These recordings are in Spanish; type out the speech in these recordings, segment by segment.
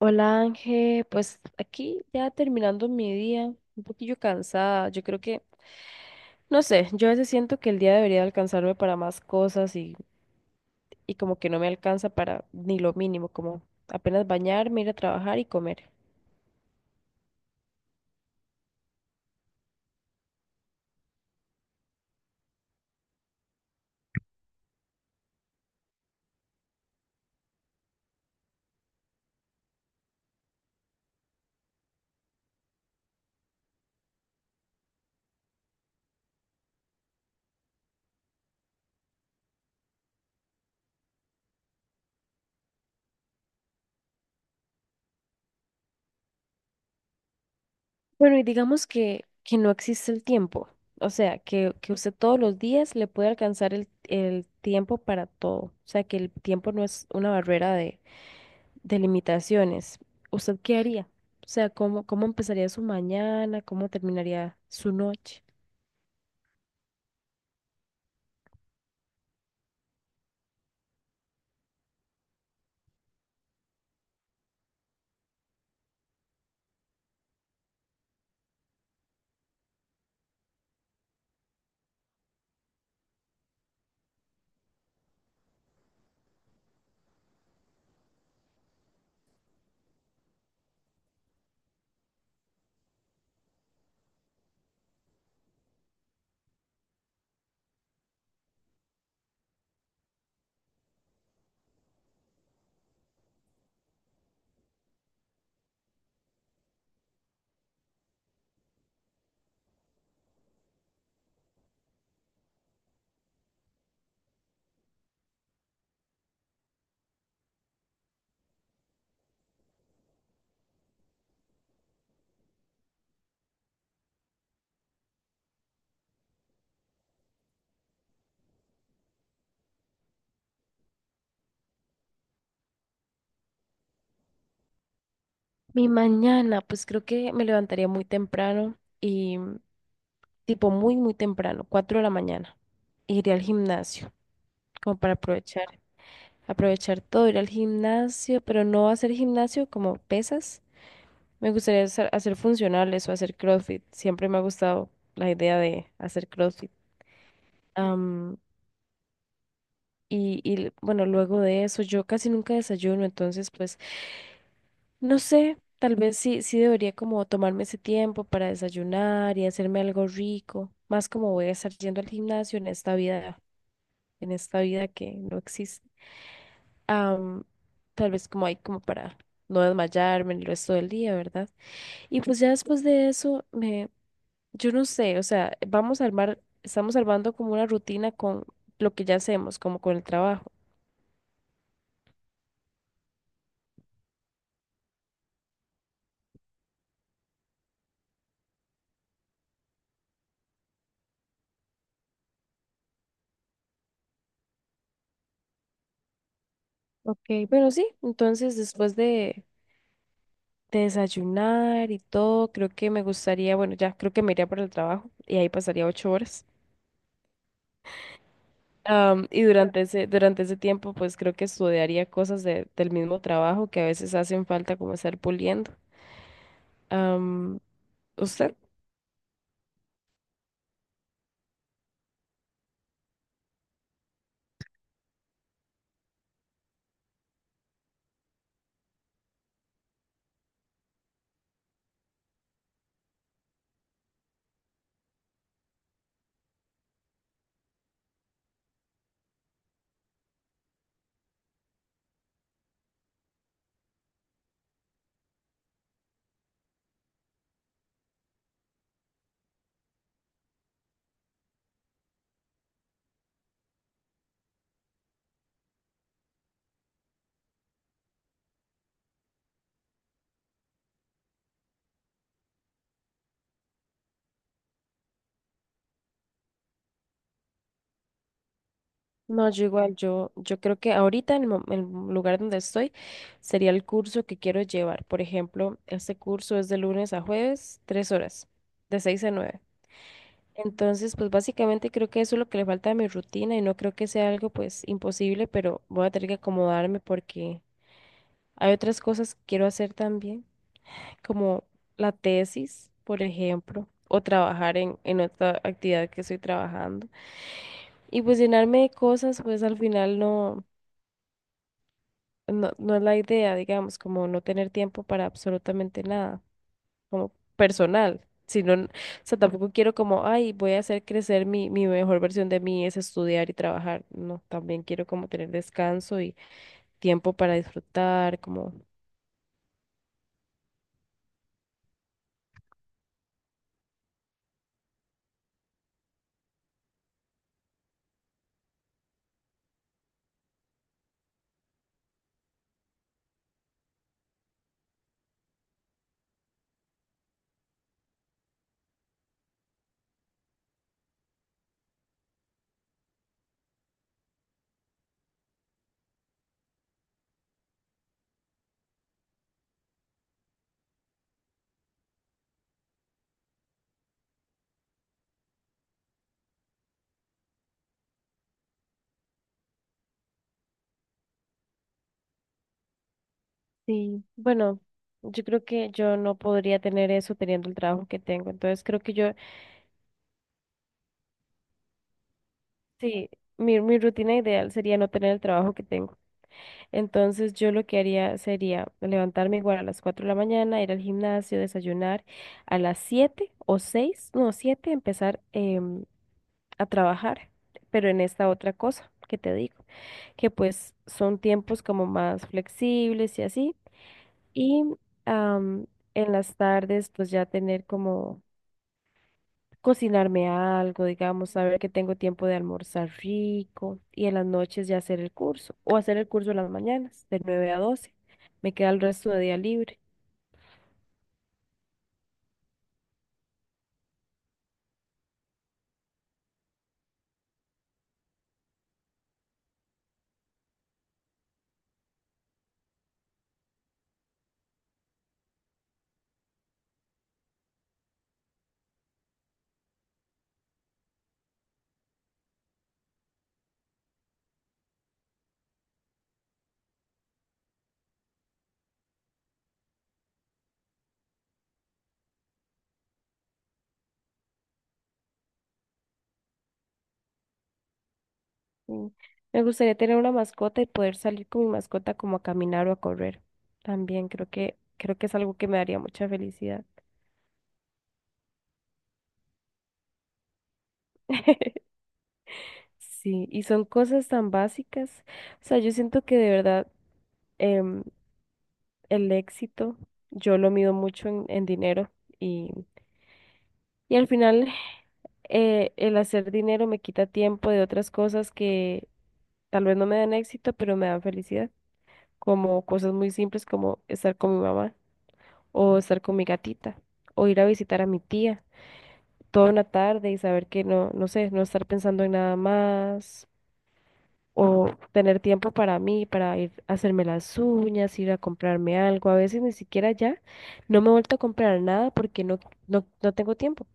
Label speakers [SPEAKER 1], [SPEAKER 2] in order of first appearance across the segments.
[SPEAKER 1] Hola Ángel, pues aquí ya terminando mi día, un poquillo cansada. Yo creo que, no sé, yo a veces siento que el día debería alcanzarme para más cosas y como que no me alcanza para ni lo mínimo, como apenas bañarme, ir a trabajar y comer. Bueno, y digamos que no existe el tiempo, o sea, que usted todos los días le puede alcanzar el tiempo para todo, o sea, que el tiempo no es una barrera. Delimitaciones. ¿Usted qué haría? O sea, ¿cómo, cómo empezaría su mañana? ¿Cómo terminaría su noche? Mi mañana, pues creo que me levantaría muy temprano y tipo muy, muy temprano, 4 de la mañana. Iría al gimnasio, como para aprovechar, aprovechar todo, ir al gimnasio, pero no hacer gimnasio como pesas. Me gustaría hacer, hacer funcionales o hacer CrossFit. Siempre me ha gustado la idea de hacer CrossFit. Y bueno, luego de eso, yo casi nunca desayuno, entonces pues no sé, tal vez sí debería como tomarme ese tiempo para desayunar y hacerme algo rico, más como voy a estar yendo al gimnasio en esta vida que no existe. Am, Tal vez como hay como para no desmayarme el resto del día, ¿verdad? Y pues ya después de eso, me, yo no sé, o sea, vamos a armar, estamos armando como una rutina con lo que ya hacemos, como con el trabajo. Ok, bueno, sí, entonces después de desayunar y todo, creo que me gustaría, bueno, ya creo que me iría para el trabajo y ahí pasaría 8 horas. Y durante ese tiempo, pues creo que estudiaría cosas del mismo trabajo que a veces hacen falta como estar puliendo. Am, ¿Usted? No, yo igual, yo creo que ahorita en el, el lugar donde estoy sería el curso que quiero llevar. Por ejemplo, este curso es de lunes a jueves, 3 horas, de 6 a 9. Entonces, pues básicamente creo que eso es lo que le falta a mi rutina y no creo que sea algo pues imposible, pero voy a tener que acomodarme porque hay otras cosas que quiero hacer también, como la tesis, por ejemplo, o trabajar en otra actividad que estoy trabajando. Y pues llenarme de cosas, pues al final no es la idea, digamos, como no tener tiempo para absolutamente nada. Como personal, sino, o sea, tampoco quiero como, ay, voy a hacer crecer mi mejor versión de mí es estudiar y trabajar, no, también quiero como tener descanso y tiempo para disfrutar, como, sí, bueno, yo creo que yo no podría tener eso teniendo el trabajo que tengo, entonces creo que yo, sí. Mi rutina ideal sería no tener el trabajo que tengo. Entonces yo lo que haría sería levantarme igual a las 4 de la mañana, ir al gimnasio, desayunar, a las 7 o 6, no, 7, empezar a trabajar, pero en esta otra cosa que te digo, que pues son tiempos como más flexibles y así. Y am, en las tardes pues ya tener como cocinarme algo, digamos, saber que tengo tiempo de almorzar rico y en las noches ya hacer el curso o hacer el curso en las mañanas de 9 a 12. Me queda el resto de día libre. Mm. Me gustaría tener una mascota y poder salir con mi mascota como a caminar o a correr. También creo que es algo que me daría mucha felicidad. Sí, y son cosas tan básicas. O sea, yo siento que de verdad em, el éxito yo lo mido mucho en dinero y, y al final el hacer dinero me quita tiempo de otras cosas que tal vez no me dan éxito, pero me dan felicidad, como cosas muy simples como estar con mi mamá o estar con mi gatita o ir a visitar a mi tía toda una tarde y saber que no, no sé, no estar pensando en nada más. O tener tiempo para mí, para ir a hacerme las uñas, ir a comprarme algo. A veces ni siquiera ya no me he vuelto a comprar nada porque no tengo tiempo.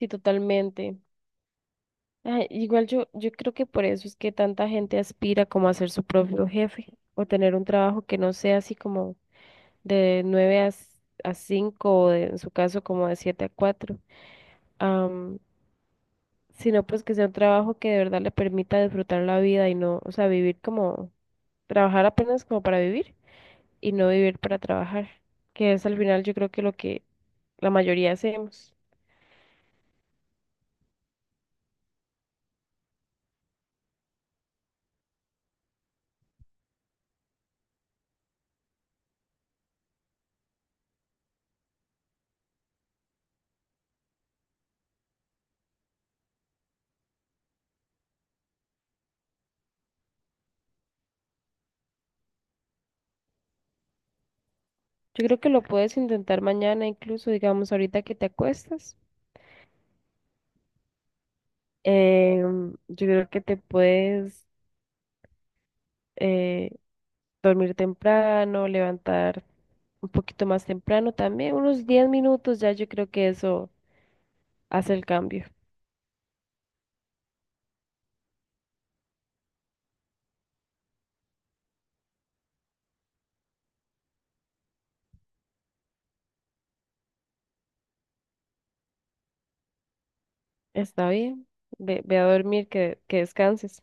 [SPEAKER 1] Sí, totalmente. Ay, igual yo, yo creo que por eso es que tanta gente aspira como a ser su propio jefe o tener un trabajo que no sea así como de 9 a, a 5 o en su caso como de 7 a cuatro, am, sino pues que sea un trabajo que de verdad le permita disfrutar la vida y no, o sea, vivir como trabajar apenas como para vivir y no vivir para trabajar, que es al final yo creo que lo que la mayoría hacemos. Yo creo que lo puedes intentar mañana, incluso digamos ahorita que te acuestas. Yo creo que te puedes eh, dormir temprano, levantar un poquito más temprano también, unos 10 minutos ya yo creo que eso hace el cambio. Está bien, ve, ve a dormir, que descanses.